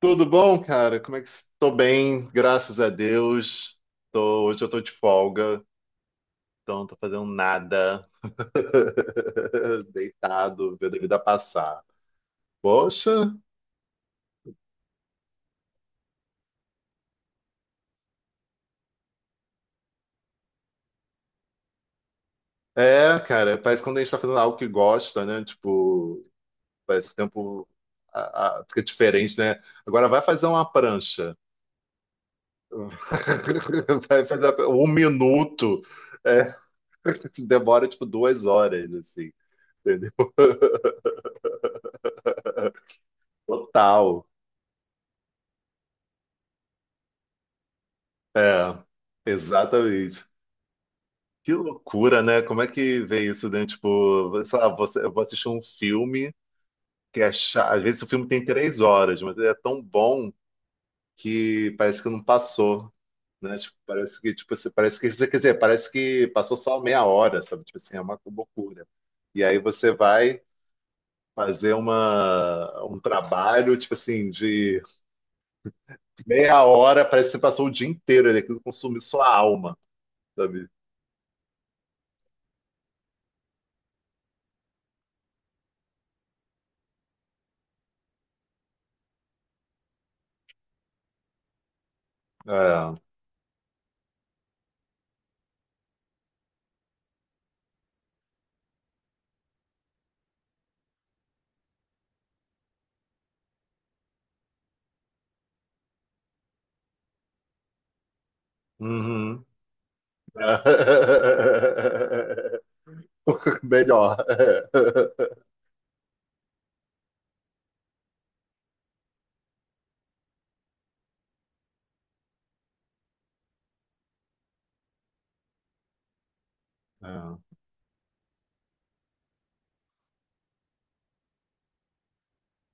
Tudo bom, cara? Como é que estou bem, graças a Deus. Hoje eu tô de folga, então não tô fazendo nada. Deitado, vendo a vida passar. Poxa, é, cara, parece que quando a gente tá fazendo algo que gosta, né? Tipo, parece que o tempo fica diferente, né? Agora vai fazer uma prancha. Vai fazer um minuto. É, demora tipo 2 horas, assim, entendeu? Total. É, exatamente. Que loucura, né? Como é que vê isso dentro? Tipo, sei lá, você, eu vou assistir um filme que é chato. Às vezes o filme tem 3 horas, mas ele é tão bom que parece que não passou, né? Tipo, parece que, tipo, parece que, quer dizer, parece que passou só meia hora, sabe? Tipo assim, é uma loucura. E aí você vai fazer um trabalho, tipo assim, de meia hora, parece que você passou o dia inteiro, e aquilo consumiu sua alma, sabe? É. Uhum. Melhor.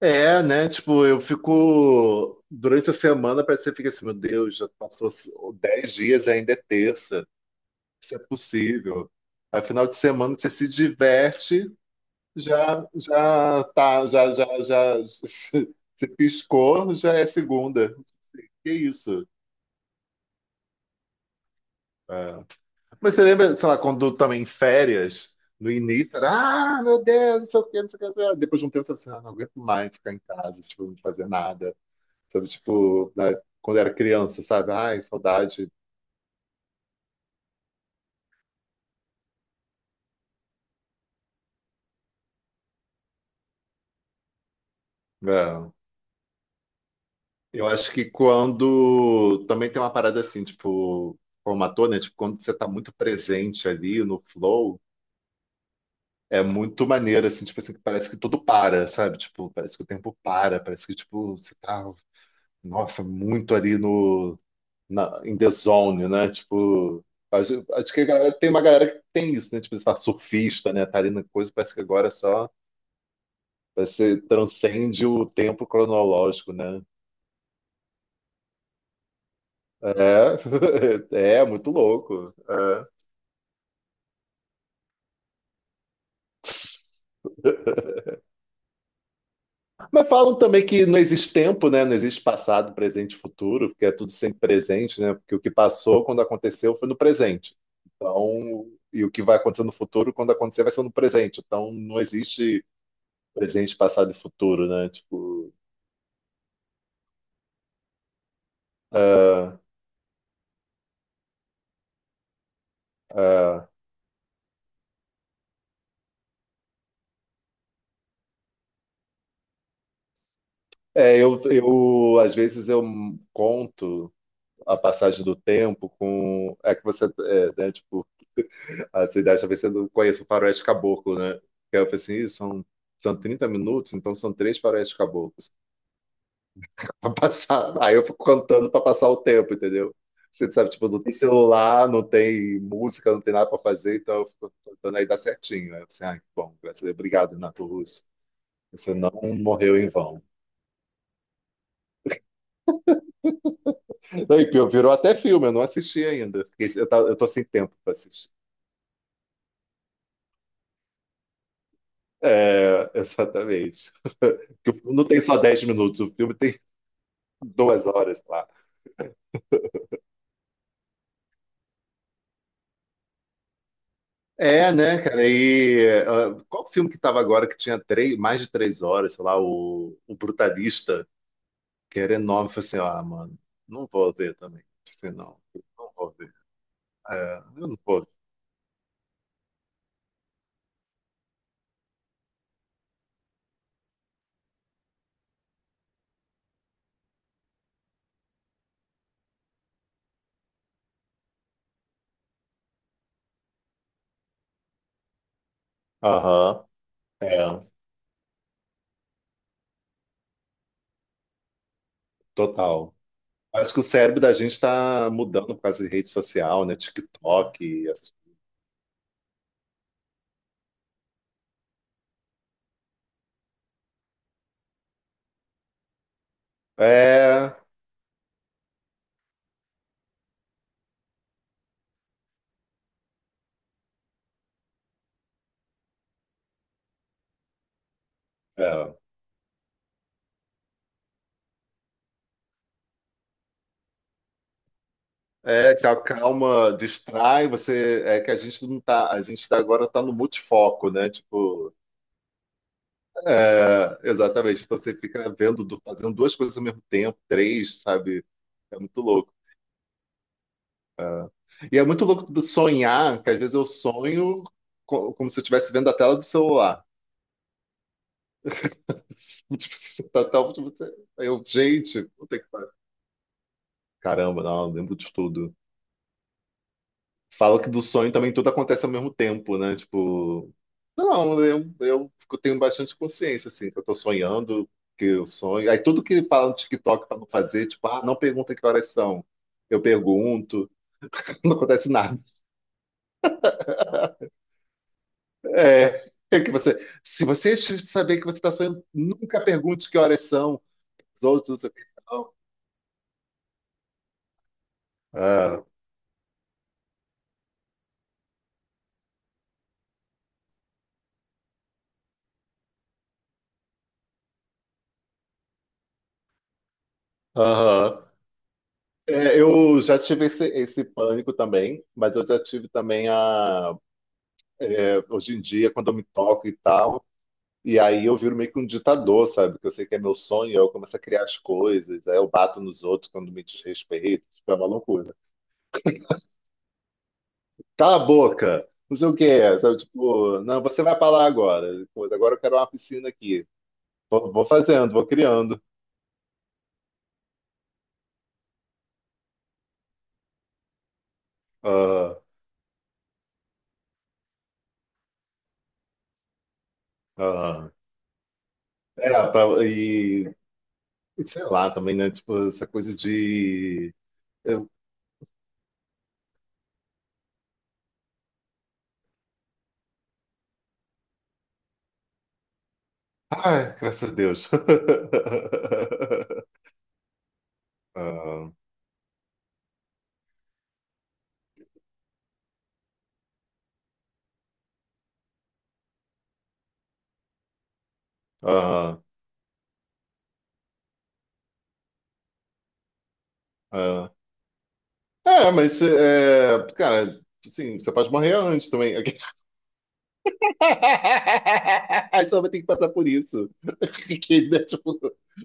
É, né? Tipo, eu fico. Durante a semana, parece que você fica assim, meu Deus, já passou 10 dias e ainda é terça. Isso é possível. Aí, final de semana, você se diverte, já, já tá, já, já, já, se piscou, já é segunda. Que isso? É. Mas você lembra, sei lá, quando também em férias, no início, era, ah, meu Deus, não sei o quê, não sei o quê, não sei o quê. Depois de um tempo, você fala assim, ah, não aguento mais ficar em casa, tipo, não fazer nada. Sabe, tipo, né, quando era criança, sabe? Ai, saudade. É. Eu acho que quando também tem uma parada assim, tipo, como ator, né? Tipo, quando você tá muito presente ali no flow, é muito maneiro, assim, tipo assim, que parece que tudo para, sabe? Tipo, parece que o tempo para, parece que, tipo, você tá, nossa, muito ali no na, in the zone, né? Tipo, acho, que tem uma galera que tem isso, né? Tipo, tá surfista, né? Tá ali na coisa, parece que agora é só, parece que transcende o tempo cronológico, né? É, é muito louco. É. Mas falam também que não existe tempo, né? Não existe passado, presente e futuro, porque é tudo sempre presente, né? Porque o que passou quando aconteceu foi no presente. Então, e o que vai acontecer no futuro, quando acontecer, vai ser no presente. Então, não existe presente, passado e futuro, né? Tipo, ah. Ah. É, eu às vezes eu conto a passagem do tempo com é que você é, né, tipo, a sua idade talvez você não conheça o faroeste caboclo, né? Que eu falei assim, "Ih, são 30 minutos, então são três faroeste caboclos para passar." Aí eu fico contando para passar o tempo, entendeu? Você sabe, tipo, não tem celular, não tem música, não tem nada para fazer, então eu fico contando aí dá certinho. Aí eu falei assim, ah, que bom, graças a Deus, obrigado, Renato Russo. Você não morreu em vão. Daí que pior, virou até filme, eu não assisti ainda. Eu tô sem tempo para assistir. É, exatamente. Porque o filme não tem só 10 minutos, o filme tem 2 horas, lá. É, né, cara? E ah, qual filme que tava agora que tinha três, mais de 3 horas, sei lá, o Brutalista, que era enorme. Eu falei assim, ah, mano, não vou ver também. Eu falei, não, eu não vou ver. É, eu não vou ver. Aham, é, total. Acho que o cérebro da gente está mudando por causa de rede social, né? TikTok. É, é, é, que a calma, distrai, você. É que a gente não tá. Agora está no multifoco, né? Tipo, é, exatamente. Então você fica vendo, fazendo duas coisas ao mesmo tempo, três, sabe? É muito louco. E é muito louco de sonhar, que às vezes eu sonho como se eu estivesse vendo a tela do celular. Tipo, você tá- tá- tipo, você- aí eu, gente, puta que pariu. Caramba, não, eu lembro de tudo. Fala que do sonho também tudo acontece ao mesmo tempo, né? Tipo, não, eu tenho bastante consciência, assim, que eu tô sonhando, que eu sonho. Aí tudo que fala no TikTok pra não fazer, tipo, ah, não pergunta que horas são. Eu pergunto, não acontece nada. É, que você, se você saber que você está sonhando, nunca pergunte que horas são. Os outros, não, não. Ah, aham. É, eu já tive esse pânico também, mas eu já tive também hoje em dia, quando eu me toco e tal. E aí eu viro meio que um ditador, sabe? Que eu sei que é meu sonho, aí eu começo a criar as coisas, aí eu bato nos outros quando me desrespeitam, tipo, é uma loucura. Cala a boca! Não sei o quê, sabe? Tipo, não, você vai pra lá agora. Pô, agora eu quero uma piscina aqui. Vou fazendo, vou criando. Ah. Ah. É, e sei lá também, né? Tipo, essa coisa de. eu- Ai, graças a Deus. Ah. Ah. Ah. É, mas, é, cara, assim, você pode morrer antes também. A gente só vai ter que passar por isso. Que, né, tipo,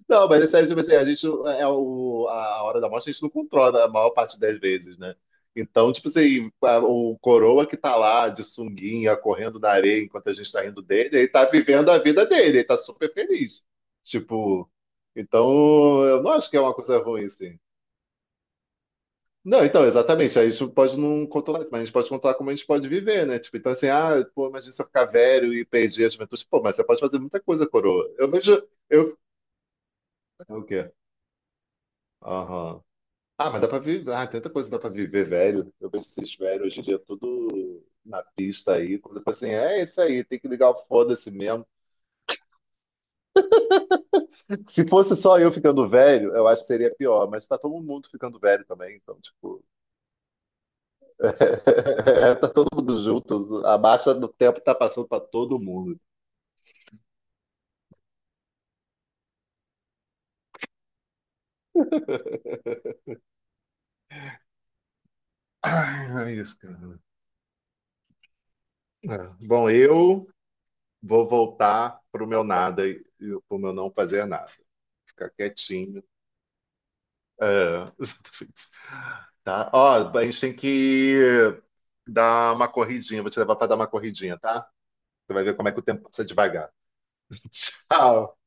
não, mas é sério, tipo assim, a gente a hora da morte a gente não controla a maior parte das vezes, né? Então, tipo assim, o coroa que tá lá de sunguinha, correndo na areia enquanto a gente tá rindo dele, ele tá vivendo a vida dele, ele tá super feliz. Tipo, então eu não acho que é uma coisa ruim, assim. Não, então, exatamente. A gente pode não controlar isso, mas a gente pode controlar como a gente pode viver, né? Tipo, então assim, ah, pô, imagina se eu ficar velho e perder a juventude. Pô, mas você pode fazer muita coisa, coroa. Eu vejo. Eu... É o quê? Aham. Ah, mas dá pra viver. Ah, tanta coisa dá pra viver, velho. Eu vejo esses velhos hoje em dia tudo na pista aí. Coisa assim, é isso aí, tem que ligar o foda-se mesmo. Se fosse só eu ficando velho, eu acho que seria pior, mas tá todo mundo ficando velho também, então, tipo. Tá todo mundo junto. A marcha do tempo tá passando pra todo mundo. Ai, não é isso, cara. É. Bom, eu vou voltar pro meu nada e pro meu não fazer nada. Ficar quietinho. É, exatamente. Tá? Ó, a gente tem que dar uma corridinha. Vou te levar para dar uma corridinha, tá? Você vai ver como é que o tempo passa devagar. Tchau.